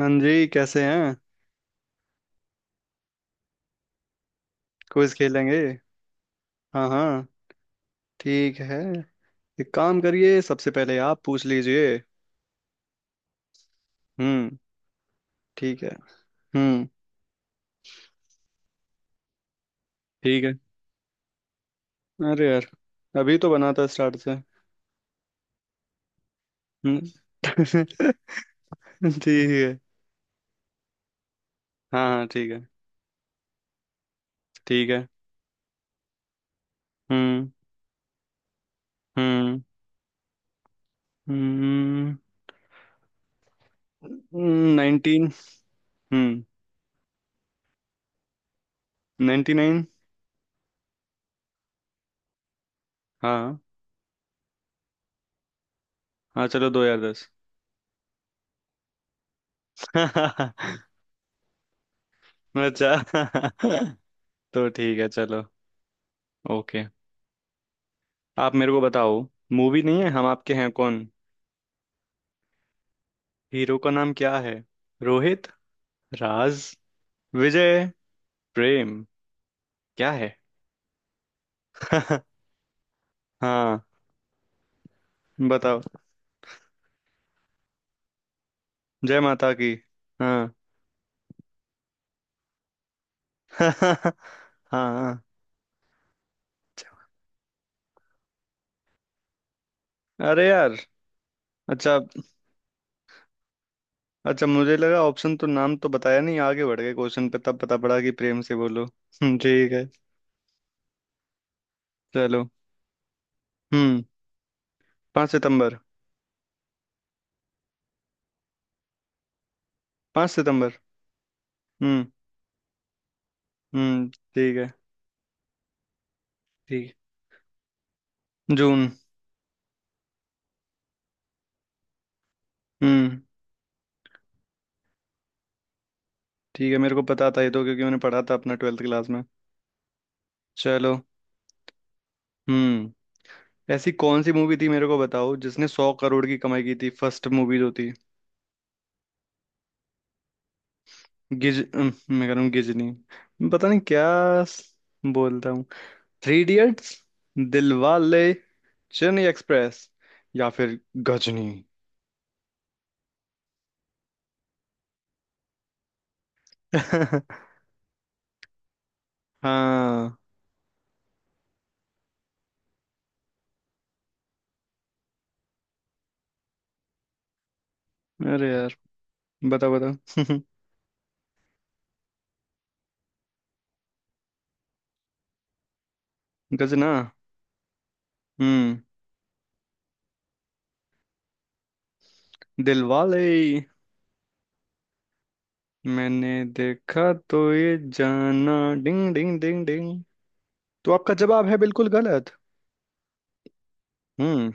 हाँ जी, कैसे हैं। क्विज खेलेंगे। हाँ हाँ, ठीक है। एक काम करिए, सबसे पहले आप पूछ लीजिए। हम्म। ठीक है। हम्म। ठीक है। अरे यार, अभी तो बना था स्टार्ट से। हम्म। ठीक है। हाँ हाँ, ठीक है। ठीक है। हम्म। हम्म। हम्म। नाइनटीन। हम्म। Ninety nine. हाँ। हाँ चलो, दो हजार दस। अच्छा। तो ठीक है, चलो। ओके। आप मेरे को बताओ। मूवी नहीं है हम आपके हैं कौन। हीरो का नाम क्या है। रोहित। राज। विजय। प्रेम। क्या है। हाँ, बताओ। जय माता की। हाँ। हाँ। हाँ। अरे यार। अच्छा। अच्छा, मुझे लगा ऑप्शन तो नाम तो बताया नहीं, आगे बढ़ गए क्वेश्चन पे तब पता पड़ा कि प्रेम से बोलो। ठीक है। चलो। हम्म। 5 सितंबर। पाँच सितंबर। हम्म। हम्म। ठीक है। ठीक। जून। हम्म। ठीक है, मेरे को पता था ये तो, क्योंकि मैंने पढ़ा था अपना ट्वेल्थ क्लास में। चलो। हम्म। ऐसी कौन सी मूवी थी मेरे को बताओ, जिसने 100 करोड़ की कमाई की थी, फर्स्ट मूवी जो थी। मैं कह रहा हूँ गिजनी। पता नहीं क्या। स- बोलता हूँ। Three idiots. Dilwale. Chennai express. या फिर गजनी। हाँ। अरे यार, बताओ बताओ। गजना। हम्म। दिलवाले। मैंने देखा तो ये जाना। डिंग डिंग डिंग डिंग। तो आपका जवाब है बिल्कुल गलत। हम्म।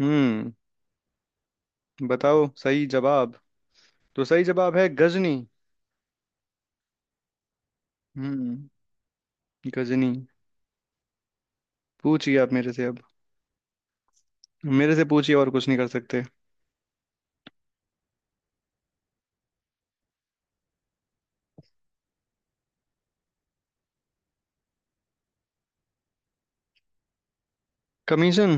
हम्म। बताओ सही जवाब। तो सही जवाब है गजनी। हम्म। गजनी। पूछिए आप मेरे से अब। मेरे से पूछिए, और कुछ नहीं कर सकते। कमीशन।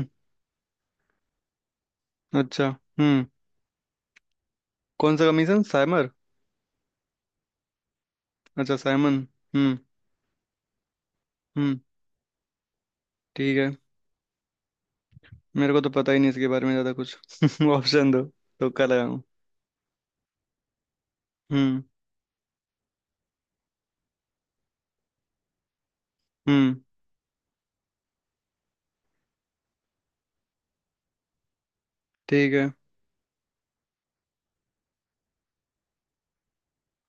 अच्छा। हम्म। कौन सा कमीशन, साइमर। अच्छा, साइमन। हम्म। हम्म। ठीक है। मेरे को तो पता ही नहीं इसके बारे में ज्यादा कुछ। ऑप्शन दो। तो कर रहा हूँ। हम्म। हम्म। ठीक है।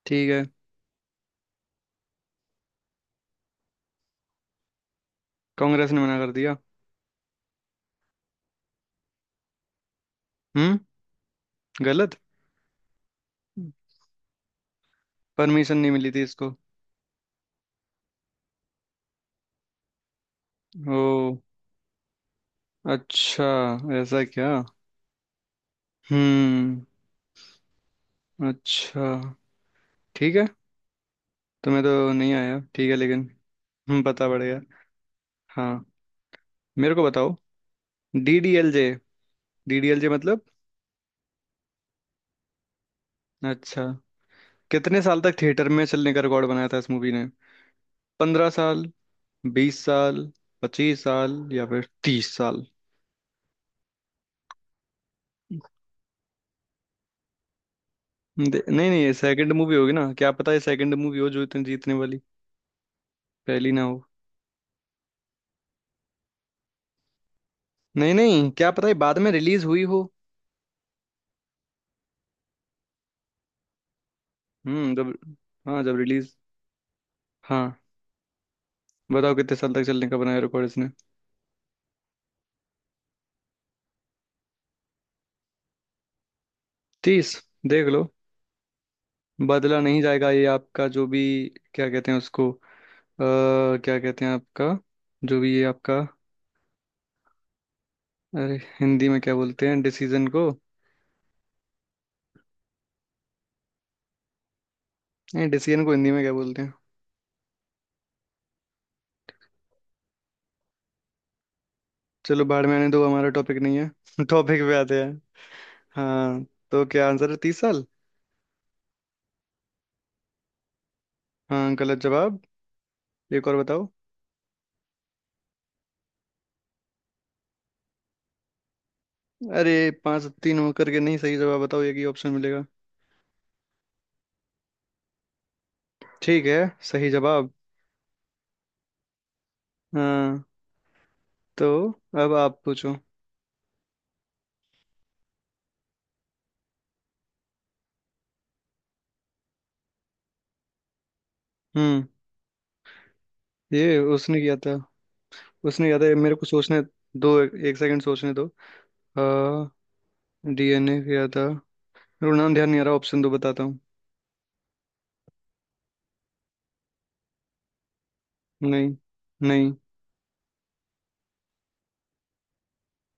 ठीक है। कांग्रेस ने मना कर दिया। हम्म। गलत। परमिशन नहीं मिली थी इसको। ओ, अच्छा। ऐसा क्या। हम्म। अच्छा। ठीक है। तुम्हें तो नहीं आया, ठीक है, लेकिन हम्म, पता पड़ेगा। हाँ। मेरे को बताओ। डीडीएलजे। डीडीएलजे मतलब। अच्छा। कितने साल तक थिएटर में चलने का रिकॉर्ड बनाया था इस मूवी ने। 15 साल। 20 साल। 25 साल या फिर 30 साल। नहीं नहीं, ये सेकंड मूवी होगी ना, क्या पता ये सेकंड मूवी हो जो इतने जीतने वाली पहली ना हो। नहीं नहीं, क्या पता है बाद में रिलीज हुई हो। हम्म, जब। हाँ, जब रिलीज। हाँ, बताओ कितने साल तक चलने का बनाया रिकॉर्ड इसने। तीस। देख लो, बदला नहीं जाएगा ये आपका जो भी। क्या कहते हैं उसको क्या कहते हैं आपका जो भी ये आपका। अरे हिंदी में क्या बोलते हैं डिसीजन को। नहीं, डिसीजन को हिंदी में क्या बोलते हैं। चलो बाढ़ में आने दो, हमारा टॉपिक नहीं है। टॉपिक पे आते हैं। हाँ, तो क्या आंसर है, 30 साल। हाँ गलत जवाब। एक और बताओ। अरे पाँच तीन होकर के नहीं, सही जवाब बताओ, एक ही ऑप्शन मिलेगा। ठीक है, सही जवाब। हाँ। तो अब आप पूछो। हम्म। ये उसने किया था। उसने किया था ये, मेरे को सोचने दो, एक एक सेकंड सोचने दो। हाँ। डीएनए किया था। मेरे को नाम ध्यान नहीं आ रहा, ऑप्शन दो बताता हूँ। नहीं। नहीं।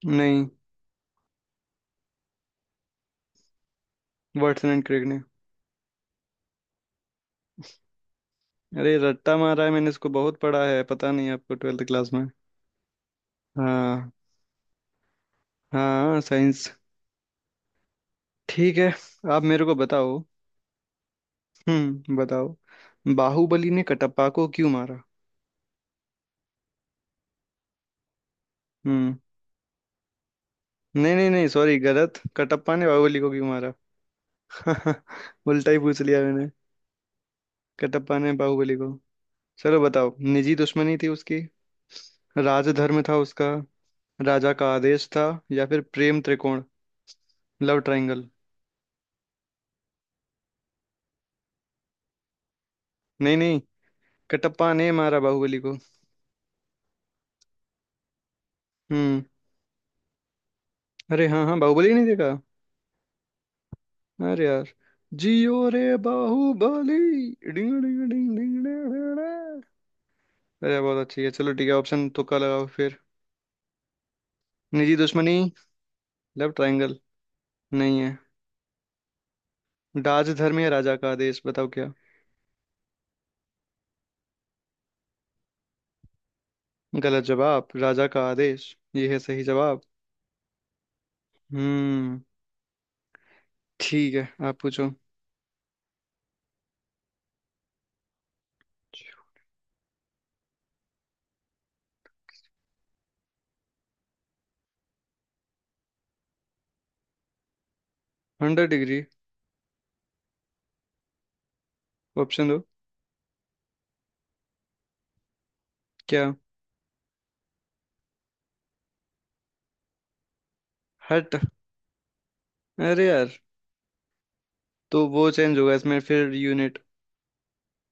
नहीं। वाटसन एंड क्रिक ने। अरे रट्टा मारा है मैंने, इसको बहुत पढ़ा है, पता नहीं आपको ट्वेल्थ क्लास में। हाँ। हाँ, साइंस। ठीक है। आप मेरे को बताओ। हम्म, बताओ। बाहुबली ने कटप्पा को क्यों मारा। हम्म, नहीं नहीं नहीं, सॉरी गलत, कटप्पा ने बाहुबली को क्यों मारा। उल्टा ही पूछ लिया मैंने। कटप्पा ने बाहुबली को। चलो बताओ, निजी दुश्मनी थी उसकी, राजधर्म था उसका, राजा का आदेश था या फिर प्रेम त्रिकोण, लव ट्रायंगल। नहीं नहीं, कटप्पा ने मारा बाहुबली को। हम्म। अरे हाँ हाँ, बाहुबली नहीं देखा। अरे यार, जियो रे बाहुबली। डिंग डिंग डिंग डिंग डिंग, डिंग। अरे बहुत अच्छी है। चलो ठीक है, ऑप्शन तुक्का लगाओ फिर। निजी दुश्मनी, लव ट्रायंगल, नहीं है। राजधर्म या राजा का आदेश, बताओ क्या। गलत जवाब, राजा का आदेश ये है सही जवाब। हम्म। ठीक है, आप पूछो। 100 डिग्री। ऑप्शन दो। क्या। हट। अरे यार, तो वो चेंज होगा इसमें फिर यूनिट,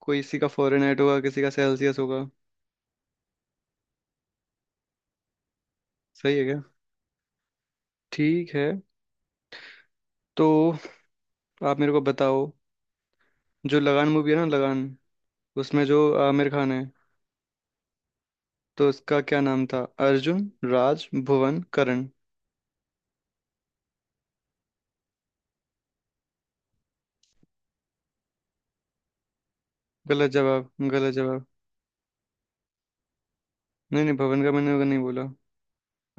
कोई किसी का फॉरेनहाइट होगा, किसी का सेल्सियस होगा। सही है क्या। ठीक है। तो आप मेरे को बताओ, जो लगान मूवी है ना, लगान, उसमें जो आमिर खान है, तो उसका क्या नाम था। अर्जुन, राज, भुवन, करण। गलत जवाब, गलत जवाब। नहीं नहीं, भवन का मैंने नहीं बोला,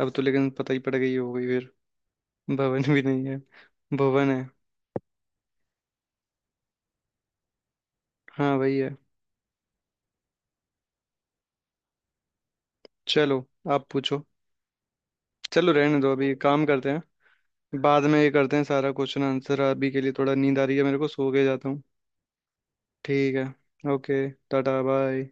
अब तो लेकिन पता ही पड़ गई, हो गई फिर। भवन भी नहीं है। भवन है। हाँ, वही है। चलो आप पूछो। चलो रहने दो, अभी काम करते हैं। बाद में ये करते हैं सारा क्वेश्चन आंसर, अभी के लिए थोड़ा नींद आ रही है मेरे को, सो के जाता हूँ। ठीक है, ओके टाटा बाय।